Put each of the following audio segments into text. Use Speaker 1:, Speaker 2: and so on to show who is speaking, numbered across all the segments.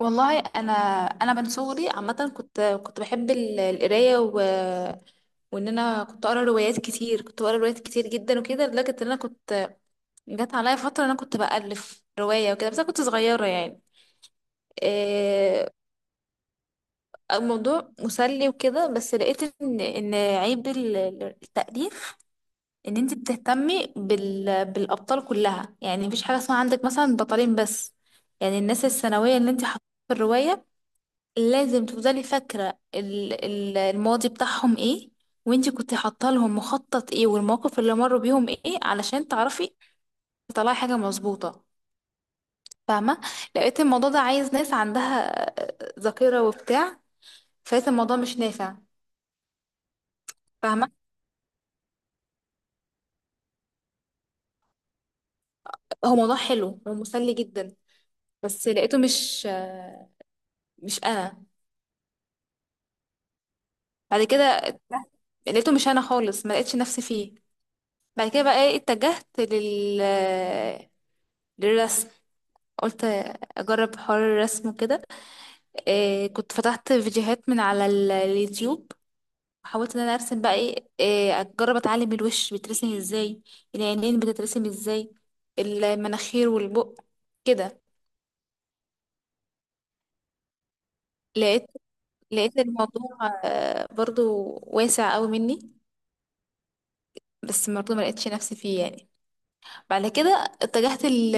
Speaker 1: والله، انا من صغري عامه كنت بحب القرايه. وان انا كنت اقرا روايات كتير، كنت بقرا روايات كتير جدا وكده، لدرجه ان انا كنت جت عليا فتره انا كنت بالف روايه وكده. بس انا كنت صغيره يعني. إيه... الموضوع مسلي وكده. بس لقيت ان عيب التاليف، ان انت بتهتمي بالابطال كلها. يعني مفيش حاجه اسمها عندك مثلا بطلين بس. يعني الناس الثانويه اللي انت حطيتها في الروايه لازم تفضلي فاكرة الماضي بتاعهم ايه، وانتي كنت حاطه لهم مخطط ايه، والمواقف اللي مروا بيهم ايه، علشان تعرفي تطلعي حاجة مظبوطة. فاهمة؟ لقيت الموضوع ده عايز ناس عندها ذاكرة وبتاع. فلقيت الموضوع مش نافع. فاهمة؟ هو موضوع حلو ومسلي جدا، بس لقيته مش انا. بعد كده لقيته مش انا خالص، ما لقيتش نفسي فيه. بعد كده بقى ايه، اتجهت للرسم. قلت اجرب حوار الرسم وكده. إيه، كنت فتحت فيديوهات من على اليوتيوب، وحاولت ان انا ارسم بقى إيه اجرب اتعلم الوش بيترسم ازاي، العينين بتترسم ازاي، المناخير والبق كده. لقيت لقيت الموضوع برضو واسع قوي مني. بس برضو ما لقيتش نفسي فيه يعني. بعد كده اتجهت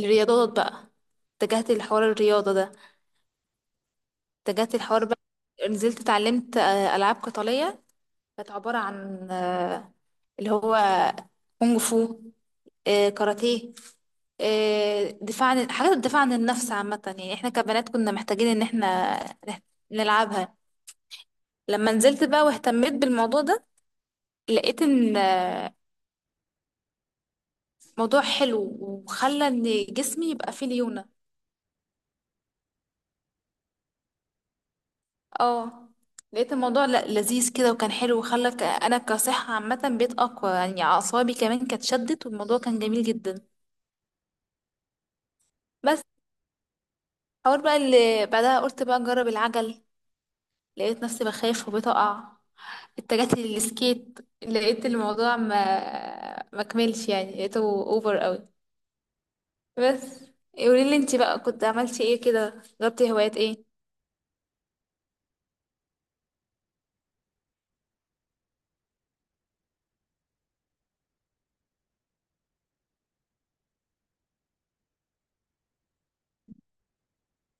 Speaker 1: للرياضات بقى. اتجهت لحوار الرياضة ده. اتجهت لحوار بقى، نزلت اتعلمت ألعاب قتالية. كانت عبارة عن اللي هو كونغ فو، كاراتيه، دفاع عن الدفاع عن النفس عامة. يعني احنا كبنات كنا محتاجين ان احنا نح- نلعبها. لما نزلت بقى واهتميت بالموضوع ده، لقيت ان موضوع حلو وخلى ان جسمي يبقى فيه ليونة. اه. لقيت الموضوع لذيذ كده وكان حلو، وخلى انا كصحة عامة بقيت اقوى. يعني اعصابي كمان كانت شدت، والموضوع كان جميل جدا. بس اول بقى اللي بعدها قلت بقى اجرب العجل، لقيت نفسي بخاف وبتقع. اتجهت للسكيت، لقيت الموضوع ما كملش يعني، لقيته اوفر قوي. بس قولي لي انت بقى، كنت عملتي ايه كده، جربتي هوايات ايه؟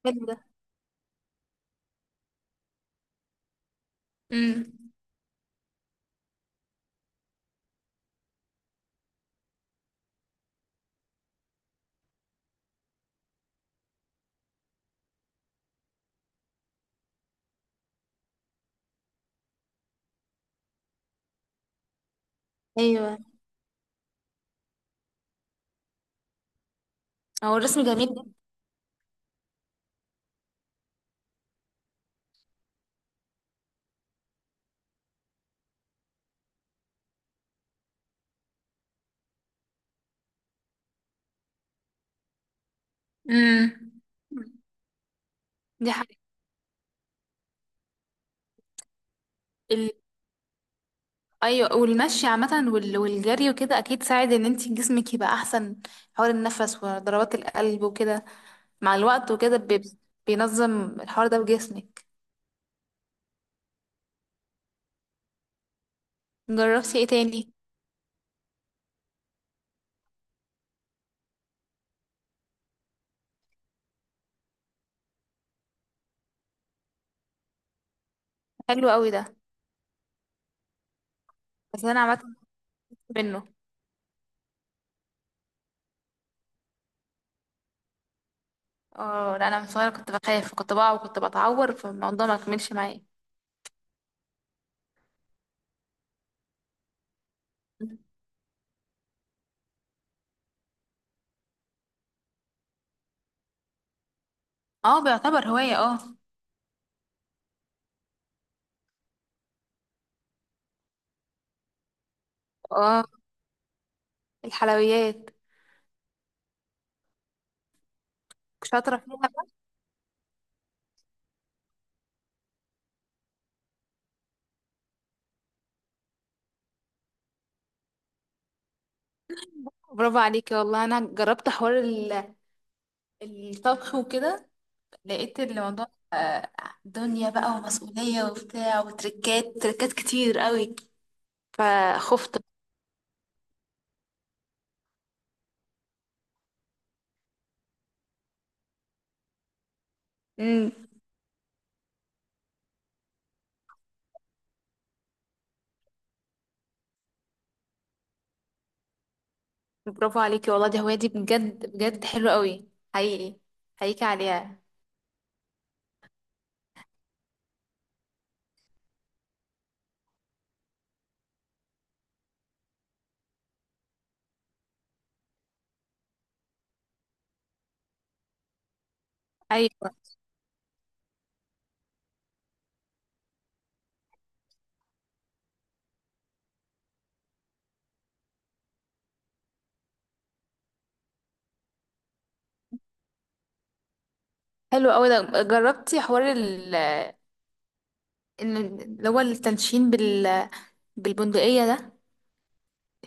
Speaker 1: حلو ده. امم. ايوه، هو الرسم جميل جدا. امم. دي حاجة. ايوه، والمشي عامه والجري وكده اكيد ساعد ان انت جسمك يبقى احسن. حوار النفس وضربات القلب وكده مع الوقت وكده بينظم الحوار ده بجسمك. جربتي ايه تاني؟ حلو قوي ده. بس انا عامه خفت منه. اه، لا، انا من صغيره كنت بخاف، كنت بقع وكنت بتعور، فالموضوع ما كملش معايا. اه، بيعتبر هوايه، اه. اه، الحلويات شاطره فيها بقى. برافو عليكي. والله انا جربت حوار الطبخ وكده. لقيت الموضوع دنيا بقى ومسؤولية وبتاع، وتركات تركات كتير قوي، فخفت. امم. برافو عليكي والله، دي هواية، دي بجد بجد حلوة قوي، حقيقي حقيقي عليها. ايوه، حلو قوي ده. جربتي حوار إن اللي هو التنشين بالبندقية ده،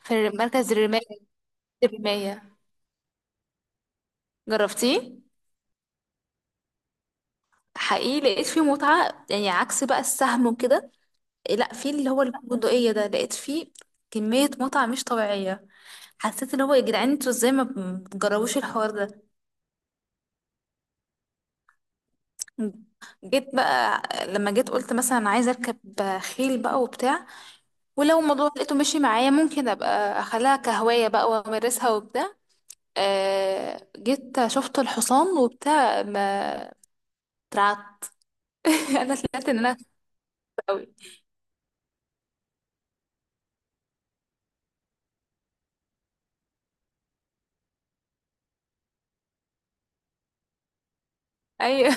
Speaker 1: في مركز الرماية، الرماية؟ جربتيه؟ حقيقي لقيت فيه متعة. يعني عكس بقى السهم وكده، لا، في اللي هو البندقية ده لقيت فيه كمية متعة مش طبيعية. حسيت ان هو يا جدعان، انتوا ازاي ما بتجربوش الحوار ده؟ جيت بقى لما جيت قلت مثلا عايزة اركب خيل بقى وبتاع، ولو الموضوع لقيته مشي معايا ممكن ابقى اخليها كهواية بقى وامارسها وبتاع. جيت شفت الحصان وبتاع، ما اترعبت. انا طلعت ان انا خايفة قوي. ايوه،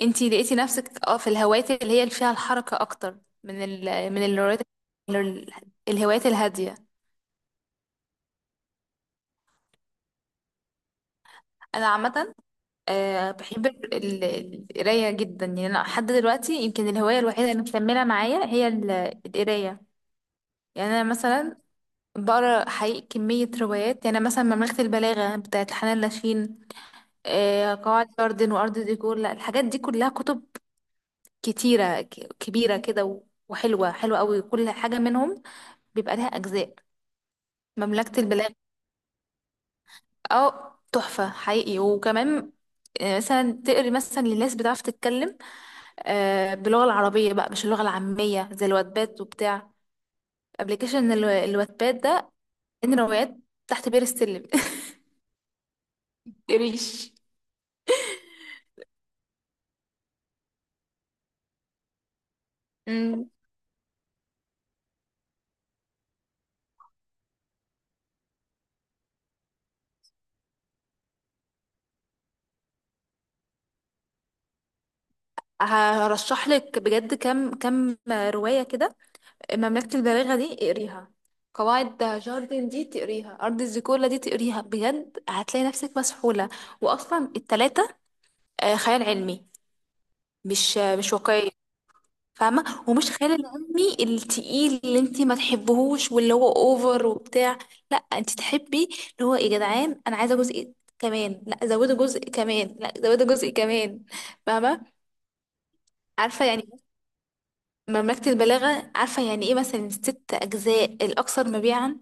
Speaker 1: انتي لقيتي نفسك اه في الهوايات اللي فيها الحركة اكتر من الهوايات الهادية. انا عامة بحب ال- القراية جدا. يعني انا لحد دلوقتي يمكن الهواية الوحيدة اللي مكملة معايا هي القراية. يعني انا مثلا بقرا حقيقي كمية روايات. يعني أنا مثلا مملكة البلاغة بتاعت حنان لاشين، قواعد جاردن وارض ديكور، لا الحاجات دي كلها كتب كتيرة كبيرة كده وحلوة حلوة قوي. كل حاجة منهم بيبقى لها أجزاء. مملكة البلاد، اه، تحفة حقيقي. وكمان مثلا تقري مثلا للناس بتعرف تتكلم باللغة العربية بقى، مش اللغة العامية زي الواتباد وبتاع، ابلكيشن الواتباد ده، ان روايات تحت بير السلم. تقريش. مم. هرشح لك بجد كم كم رواية كده. مملكة البلاغة دي اقريها، قواعد جاردن دي تقريها، أرض الزيكولا دي تقريها. بجد هتلاقي نفسك مسحولة. وأصلا التلاتة خيال علمي، مش واقعية. فاهمة؟ ومش خيال العلمي التقيل اللي انت ما تحبهوش واللي هو اوفر وبتاع. لا انت تحبي اللي هو يا جدعان، انا عايزة جزء كمان، لا زودوا جزء كمان، لا زودوا جزء كمان. فاهمة؟ عارفة يعني. مملكة البلاغة عارفة يعني ايه؟ مثلا ست اجزاء، الاكثر مبيعا.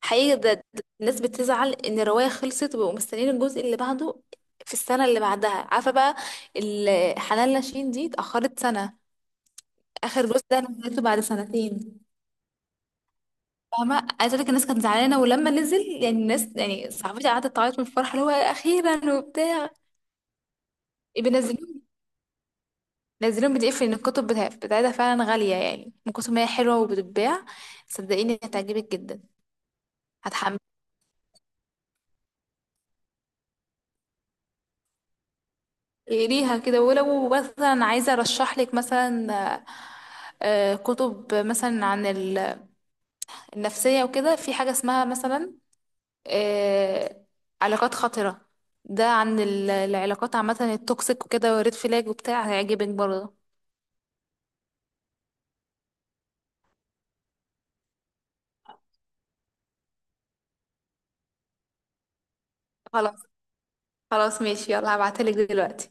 Speaker 1: حقيقي، ده الناس بتزعل ان الرواية خلصت وبقوا مستنيين الجزء اللي بعده في السنة اللي بعدها. عارفة بقى، حنان لاشين دي اتأخرت سنة. اخر جزء ده انا نزلته بعد سنتين. فاهمه؟ عايزه اقول لك الناس كانت زعلانه، ولما نزل يعني الناس يعني صاحبتي قعدت تعيط من الفرحه اللي هو اخيرا وبتاع. بينزلوهم نزلوهم بي ان الكتب بتاعتها فعلا غاليه. يعني من كتب، ما هي حلوه وبتتباع. صدقيني هتعجبك جدا، هتحمسي ليها كده. ولو مثلا عايزه ارشح لك، مثلا آه، كتب مثلا عن النفسيه وكده، في حاجه اسمها مثلا آه، علاقات خطرة. ده عن العلاقات عامة، التوكسيك وكده، وريد فلاج وبتاع. هيعجبك برضه. خلاص خلاص، ماشي، يلا هبعتلك دلوقتي.